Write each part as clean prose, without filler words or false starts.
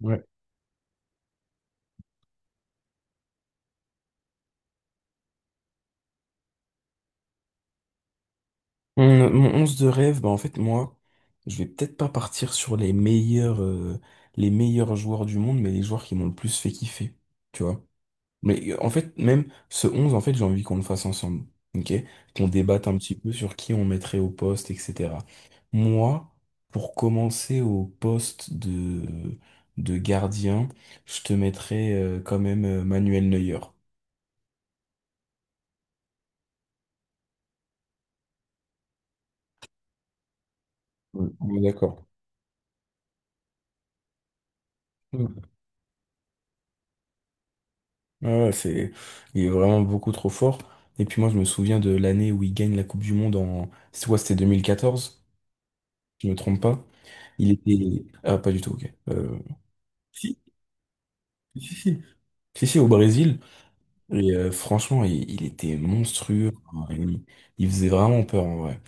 Ouais. Mon 11 de rêve, moi, je vais peut-être pas partir sur les meilleurs joueurs du monde, mais les joueurs qui m'ont le plus fait kiffer. Tu vois? Mais en fait, même ce 11, en fait, j'ai envie qu'on le fasse ensemble. Ok? Qu'on débatte un petit peu sur qui on mettrait au poste, etc. Moi, pour commencer au poste de gardien, je te mettrais quand même Manuel Neuer. Ouais, on est d'accord. Ouais, ouais, c'est, il est vraiment beaucoup trop fort. Et puis moi, je me souviens de l'année où il gagne la Coupe du Monde en, c'est quoi, c'était 2014, je me trompe pas. Il était, ah, pas du tout, ok. Si, si, si. Si, si, au Brésil. Et franchement, il était monstrueux. Enfin, il faisait vraiment peur, en vrai.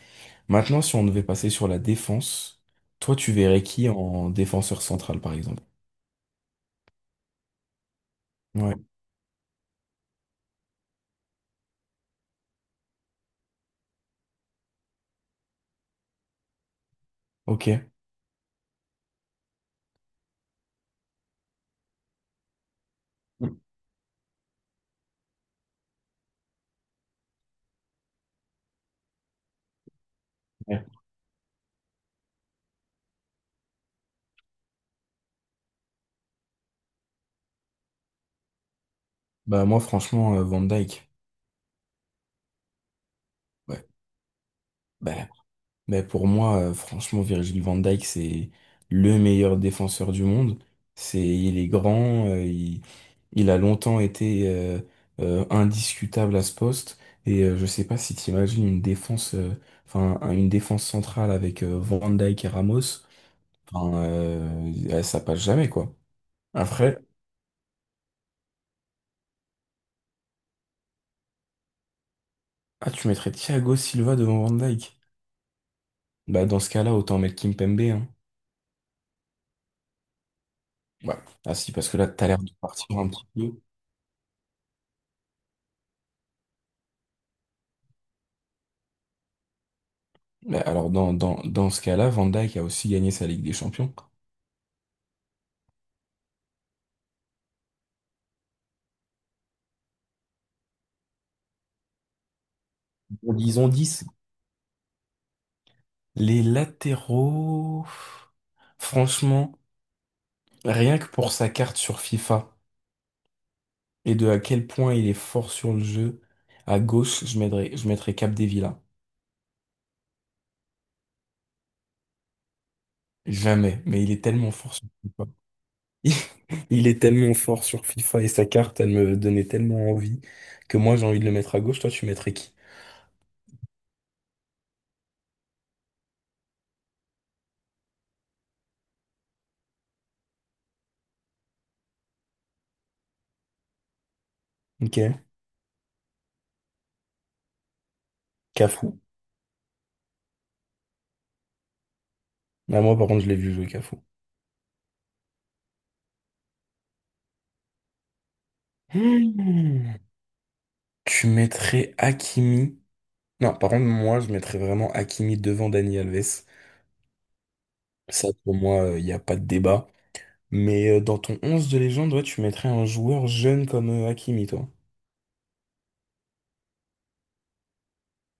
Maintenant, si on devait passer sur la défense, toi, tu verrais qui en défenseur central, par exemple? Ouais, ok. Ouais. Bah, moi, franchement, Van Dyke. Ouais. bah, Mais pour moi, franchement, Virgil van Dijk, c'est le meilleur défenseur du monde. C'est, il est grand, il a longtemps été indiscutable à ce poste. Et je sais pas si t'imagines une défense, enfin une défense centrale avec Van Dijk et Ramos. Enfin, ça passe jamais quoi. Après, ah tu mettrais Thiago Silva devant Van Dijk. Bah dans ce cas-là, autant mettre Kimpembe. Hein. Ouais. Ah si, parce que là, t'as l'air de partir un petit peu. Mais alors, dans ce cas-là, Van Dijk a aussi gagné sa Ligue des Champions. Bon, disons 10. Les latéraux, franchement, rien que pour sa carte sur FIFA et de à quel point il est fort sur le jeu, à gauche, je mettrais Capdevila. Jamais, mais il est tellement fort sur FIFA. Il est tellement fort sur FIFA et sa carte, elle me donnait tellement envie que moi, j'ai envie de le mettre à gauche. Toi, tu mettrais qui? Ok. Cafu. Ah, moi, par contre, je l'ai vu jouer Cafu. Hmm. Tu mettrais Hakimi. Non, par contre, moi, je mettrais vraiment Hakimi devant Dani Alves. Ça, pour moi, il n'y a pas de débat. Mais dans ton 11 de légende, ouais, tu mettrais un joueur jeune comme Hakimi, toi.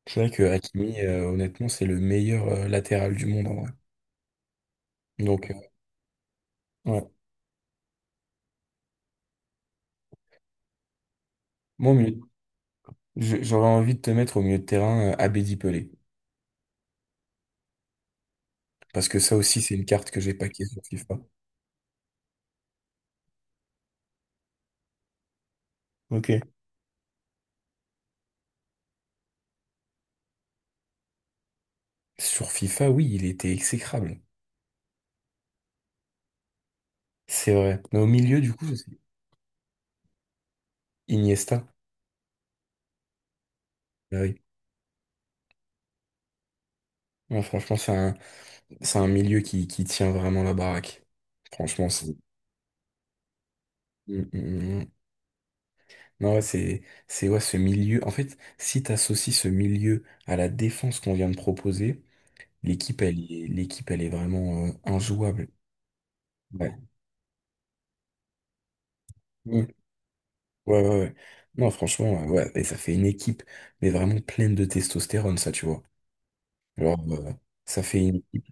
C'est vrai que Hakimi, honnêtement, c'est le meilleur latéral du monde, en vrai. Donc, ouais. Moi, j'aurais envie de te mettre au milieu de terrain Abedi Pelé. Parce que ça aussi, c'est une carte que j'ai paquée sur FIFA. Ok. Sur FIFA, oui, il était exécrable. C'est vrai. Mais au milieu, du coup, c'est Iniesta. Ah oui. Ouais, franchement, c'est un milieu qui tient vraiment la baraque. Franchement, c'est... Mm, mm, mm. Non, ouais, c'est ouais, ce milieu. En fait, si t'associes ce milieu à la défense qu'on vient de proposer, l'équipe, elle est vraiment injouable. Ouais. Mm. Ouais, ouais, ouais. Non, franchement, ouais, et ça fait une équipe, mais vraiment pleine de testostérone, ça, tu vois. Genre, ça fait une équipe.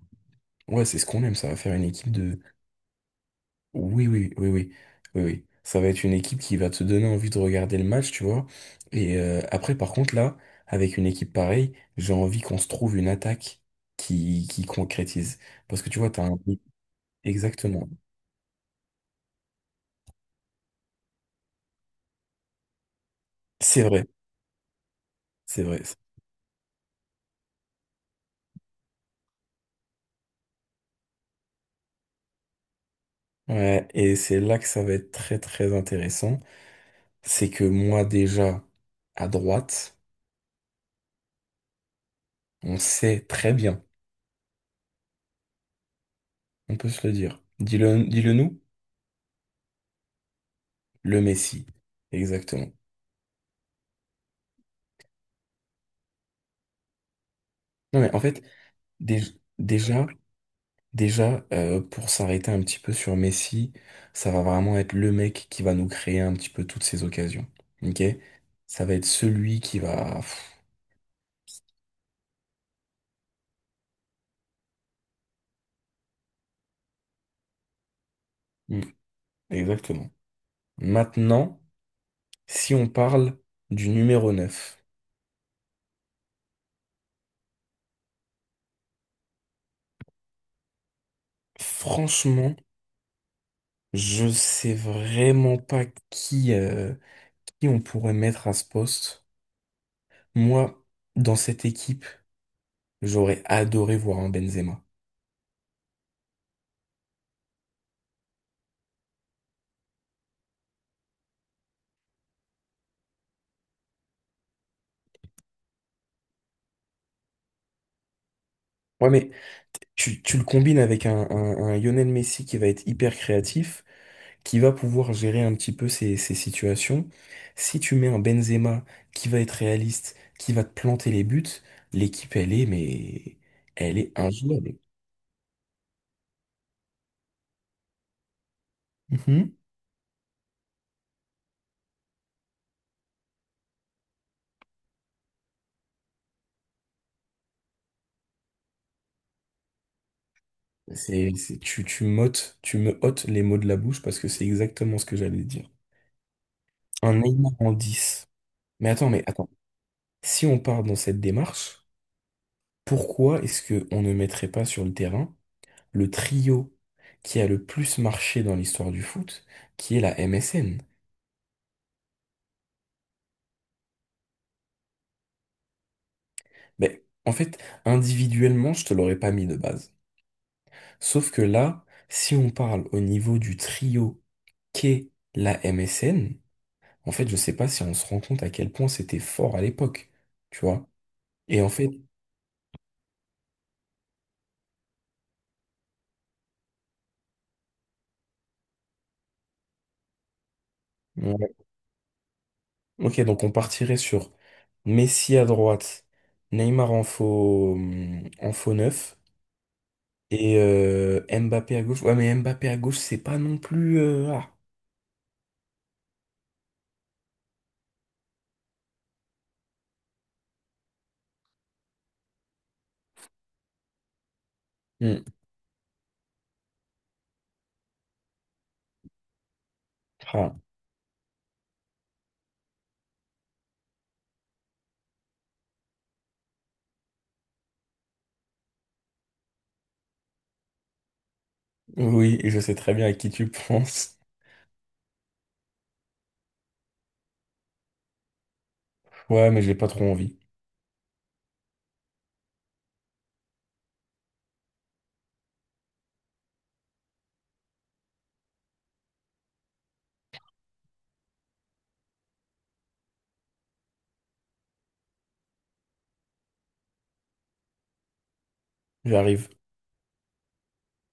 Ouais, c'est ce qu'on aime, ça va faire une équipe de oui, oui, oui, oui, oui, oui. Ça va être une équipe qui va te donner envie de regarder le match, tu vois. Et après, par contre, là, avec une équipe pareille, j'ai envie qu'on se trouve une attaque qui concrétise. Parce que tu vois, t'as un... Exactement. C'est vrai, c'est vrai. Ouais, et c'est là que ça va être très, très intéressant. C'est que moi, déjà, à droite, on sait très bien, on peut se le dire. Dis-le, dis-le nous, le Messi. Exactement. Non, mais en fait, dé- déjà... pour s'arrêter un petit peu sur Messi, ça va vraiment être le mec qui va nous créer un petit peu toutes ces occasions. Ok? Ça va être celui qui va. Pff, mm, exactement. Maintenant, si on parle du numéro 9, franchement, je sais vraiment pas qui, euh, qui on pourrait mettre à ce poste. Moi, dans cette équipe, j'aurais adoré voir un Benzema. Ouais, mais tu le combines avec un Lionel Messi qui va être hyper créatif, qui va pouvoir gérer un petit peu ces situations. Si tu mets un Benzema qui va être réaliste, qui va te planter les buts, l'équipe, elle est, mais elle est injouable. Mhm. Tu m'ôtes, tu me ôtes les mots de la bouche parce que c'est exactement ce que j'allais dire. Un Neymar en 10. Mais attends, mais attends. Si on part dans cette démarche, pourquoi est-ce qu'on ne mettrait pas sur le terrain le trio qui a le plus marché dans l'histoire du foot, qui est la MSN. Mais en fait, individuellement, je te l'aurais pas mis de base. Sauf que là, si on parle au niveau du trio qu'est la MSN, en fait, je sais pas si on se rend compte à quel point c'était fort à l'époque, tu vois. Et en fait, ouais. Ok, donc on partirait sur Messi à droite, Neymar en faux, en faux 9, et Mbappé à gauche. Ouais, mais Mbappé à gauche, c'est pas non plus. Ah. Hmm. Ah. Oui, je sais très bien à qui tu penses. Ouais, mais j'ai pas trop envie. J'arrive.